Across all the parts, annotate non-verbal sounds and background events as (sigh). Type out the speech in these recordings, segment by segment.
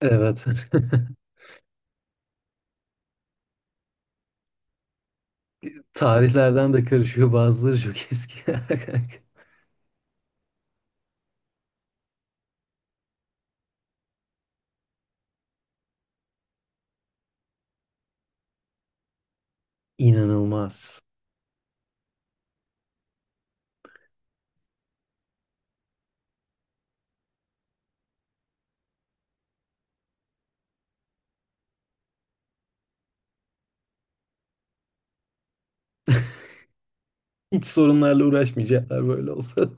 Evet. (laughs) Tarihlerden de karışıyor. Bazıları çok eski. (laughs) Kanka. İnanılmaz. Hiç sorunlarla uğraşmayacaklar böyle olsa.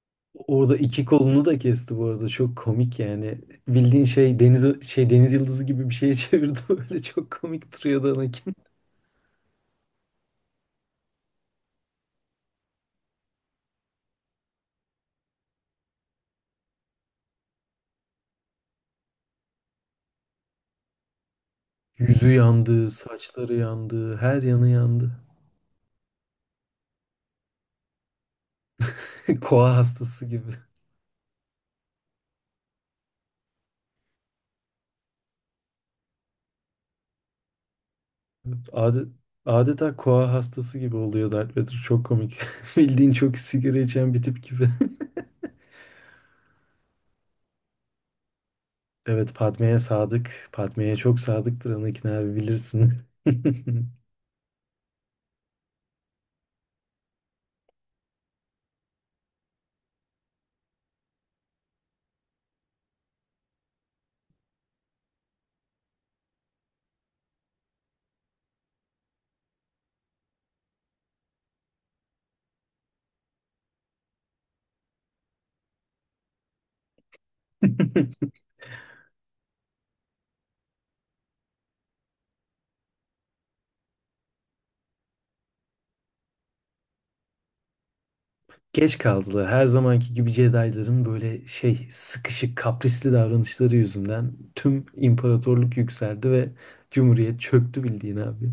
(laughs) Orada iki kolunu da kesti bu arada. Çok komik yani. Bildiğin şey deniz yıldızı gibi bir şeye (laughs) çevirdi böyle. Çok komik duruyordu Anakin. Yüzü yandı, saçları yandı, her yanı yandı. (laughs) Koa hastası gibi. Adet, Adeta koa hastası gibi oluyor Darth Vader. Çok komik. (laughs) Bildiğin çok sigara içen bir tip gibi. (laughs) Evet, Padme'ye sadık. Padme'ye çok sadıktır Anakin abi, bilirsin. (laughs) Geç kaldılar. Her zamanki gibi Jedi'ların böyle şey sıkışık, kaprisli davranışları yüzünden tüm imparatorluk yükseldi ve Cumhuriyet çöktü bildiğin abi.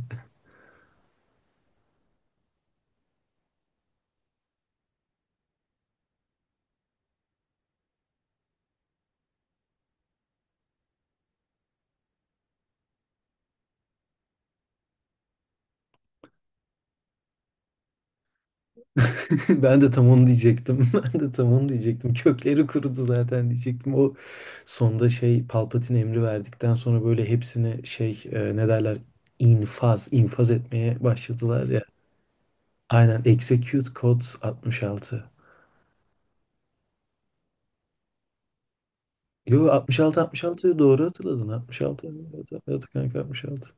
(laughs) Ben de tam onu diyecektim. (laughs) Ben de tam onu diyecektim. Kökleri kurudu zaten diyecektim. O sonda şey Palpatine emri verdikten sonra böyle hepsini şey ne derler, infaz etmeye başladılar. Aynen, execute codes 66. Yo, 66, 66 doğru hatırladın. 66, evet, evet kanka, 66.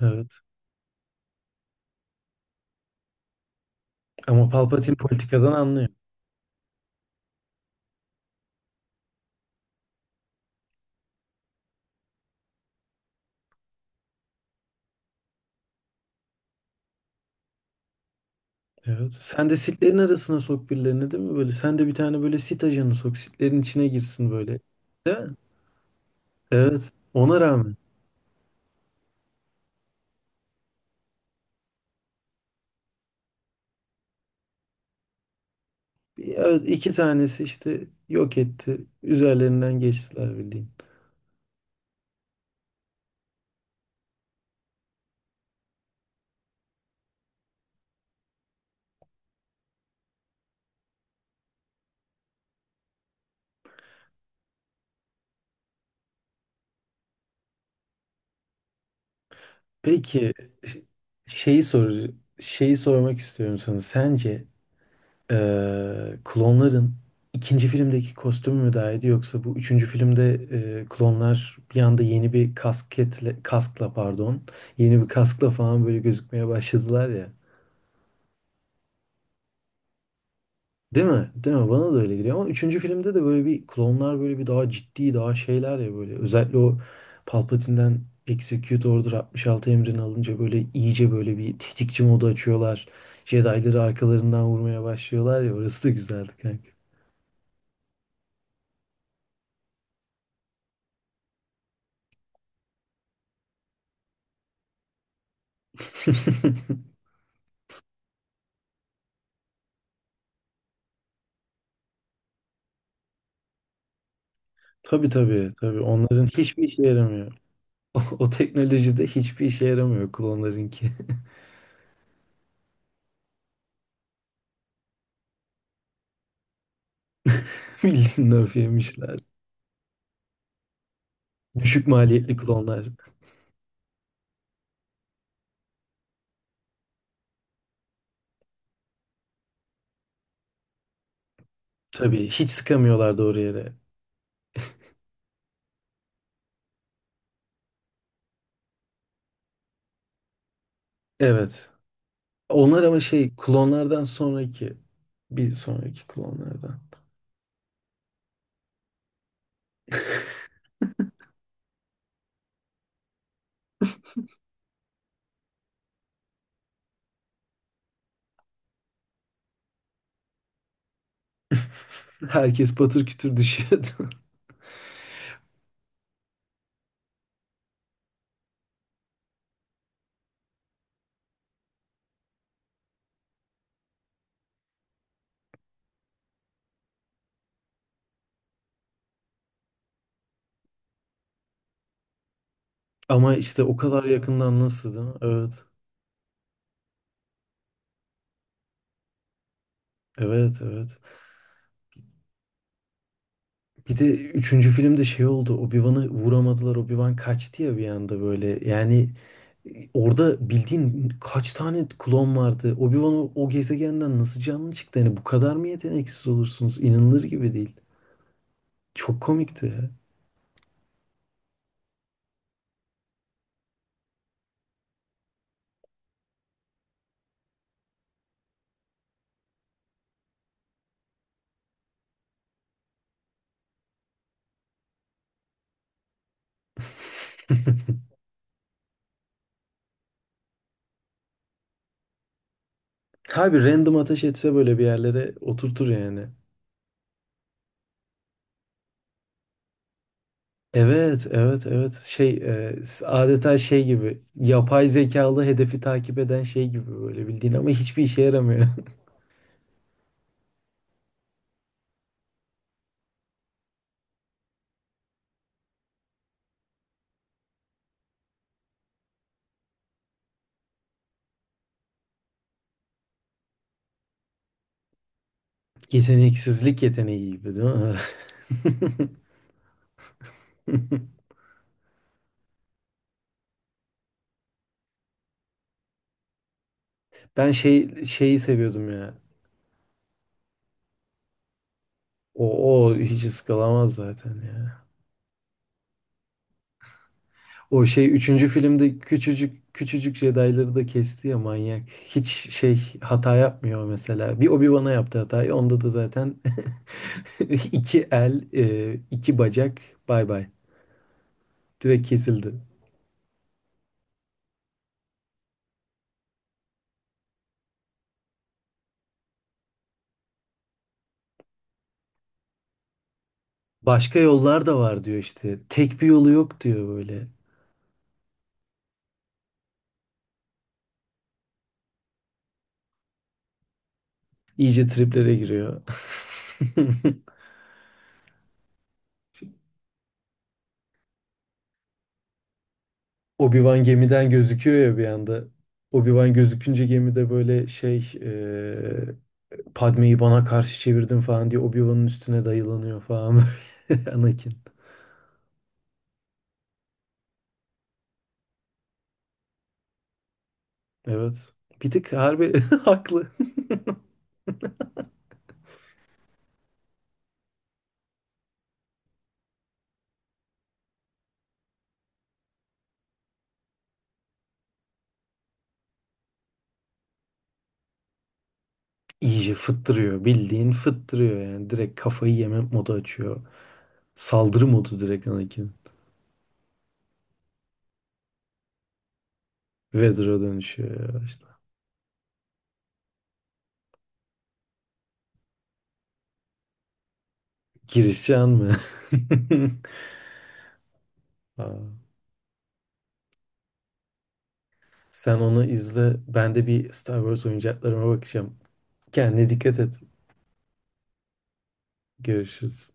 Evet. Ama Palpatine politikadan anlıyor. Evet. Sen de sitlerin arasına sok birilerini, değil mi, böyle? Sen de bir tane böyle sit ajanı sok. Sitlerin içine girsin böyle. Değil mi? Evet. Ona rağmen. Evet, iki tanesi işte yok etti. Üzerlerinden geçtiler bildiğin. Peki, ş- şeyi şeyi sormak istiyorum sana. Sence klonların ikinci filmdeki kostümü mü daha iyiydi, yoksa bu üçüncü filmde klonlar bir anda yeni bir kaskla, yeni bir kaskla falan böyle gözükmeye başladılar ya. Değil mi? Değil mi? Bana da öyle geliyor, ama üçüncü filmde de böyle bir klonlar böyle bir daha ciddi daha şeyler ya, böyle özellikle o Palpatine'den Execute Order 66 emrini alınca böyle iyice böyle bir tetikçi modu açıyorlar. Jedi'ları arkalarından vurmaya başlıyorlar ya, orası da güzeldi kanka. (laughs) Tabii, tabii, tabii, onların hiçbir işe yaramıyor. (laughs) O teknolojide hiçbir işe yaramıyor klonlarınki. (laughs) Bildiğin nerf yemişler. Düşük maliyetli klonlar. Tabii hiç sıkamıyorlar doğru yere. Evet. Onlar ama şey klonlardan sonraki, bir sonraki klonlardan. Herkes patır kütür düşüyordu. (laughs) Ama işte o kadar yakından, nasıl, değil mi? Evet. Evet, evet. Bir de üçüncü filmde şey oldu. Obi-Wan'ı vuramadılar. Obi-Wan kaçtı ya bir anda böyle. Yani, orada bildiğin kaç tane klon vardı? Obi-Wan o gezegenden nasıl canlı çıktı? Yani bu kadar mı yeteneksiz olursunuz? İnanılır gibi değil. Çok komikti ya. Tabii, random ateş etse böyle bir yerlere oturtur yani. Evet, evet, evet. Şey, adeta şey gibi. Yapay zekalı hedefi takip eden şey gibi böyle bildiğin, ama hiçbir işe yaramıyor. (laughs) Yeteneksizlik yeteneği gibi, değil mi? (laughs) Ben şeyi seviyordum ya. O, o hiç ıskalamaz zaten ya. O şey üçüncü filmde küçücük küçücük Jedi'ları da kesti ya, manyak. Hiç şey hata yapmıyor mesela. Bir Obi-Wan'a yaptı hatayı. Onda da zaten (laughs) iki el, iki bacak, bay bay. Direkt kesildi. Başka yollar da var diyor işte. Tek bir yolu yok diyor böyle. İyice triplere giriyor. (laughs) Obi-Wan gemiden gözüküyor ya bir anda. Obi-Wan gözükünce gemide böyle şey Padme'yi bana karşı çevirdin falan diye Obi-Wan'ın üstüne dayılanıyor falan böyle. (laughs) Anakin. Evet. Bir tık harbi (laughs) haklı. İyice fıttırıyor. Bildiğin fıttırıyor yani. Direkt kafayı yeme modu açıyor. Saldırı modu direkt Anakin. Vader'a dönüşüyor ya işte. Girişen mı? (laughs) Aa. Sen onu izle. Ben de bir Star Wars oyuncaklarıma bakacağım. Kendine dikkat et. Görüşürüz.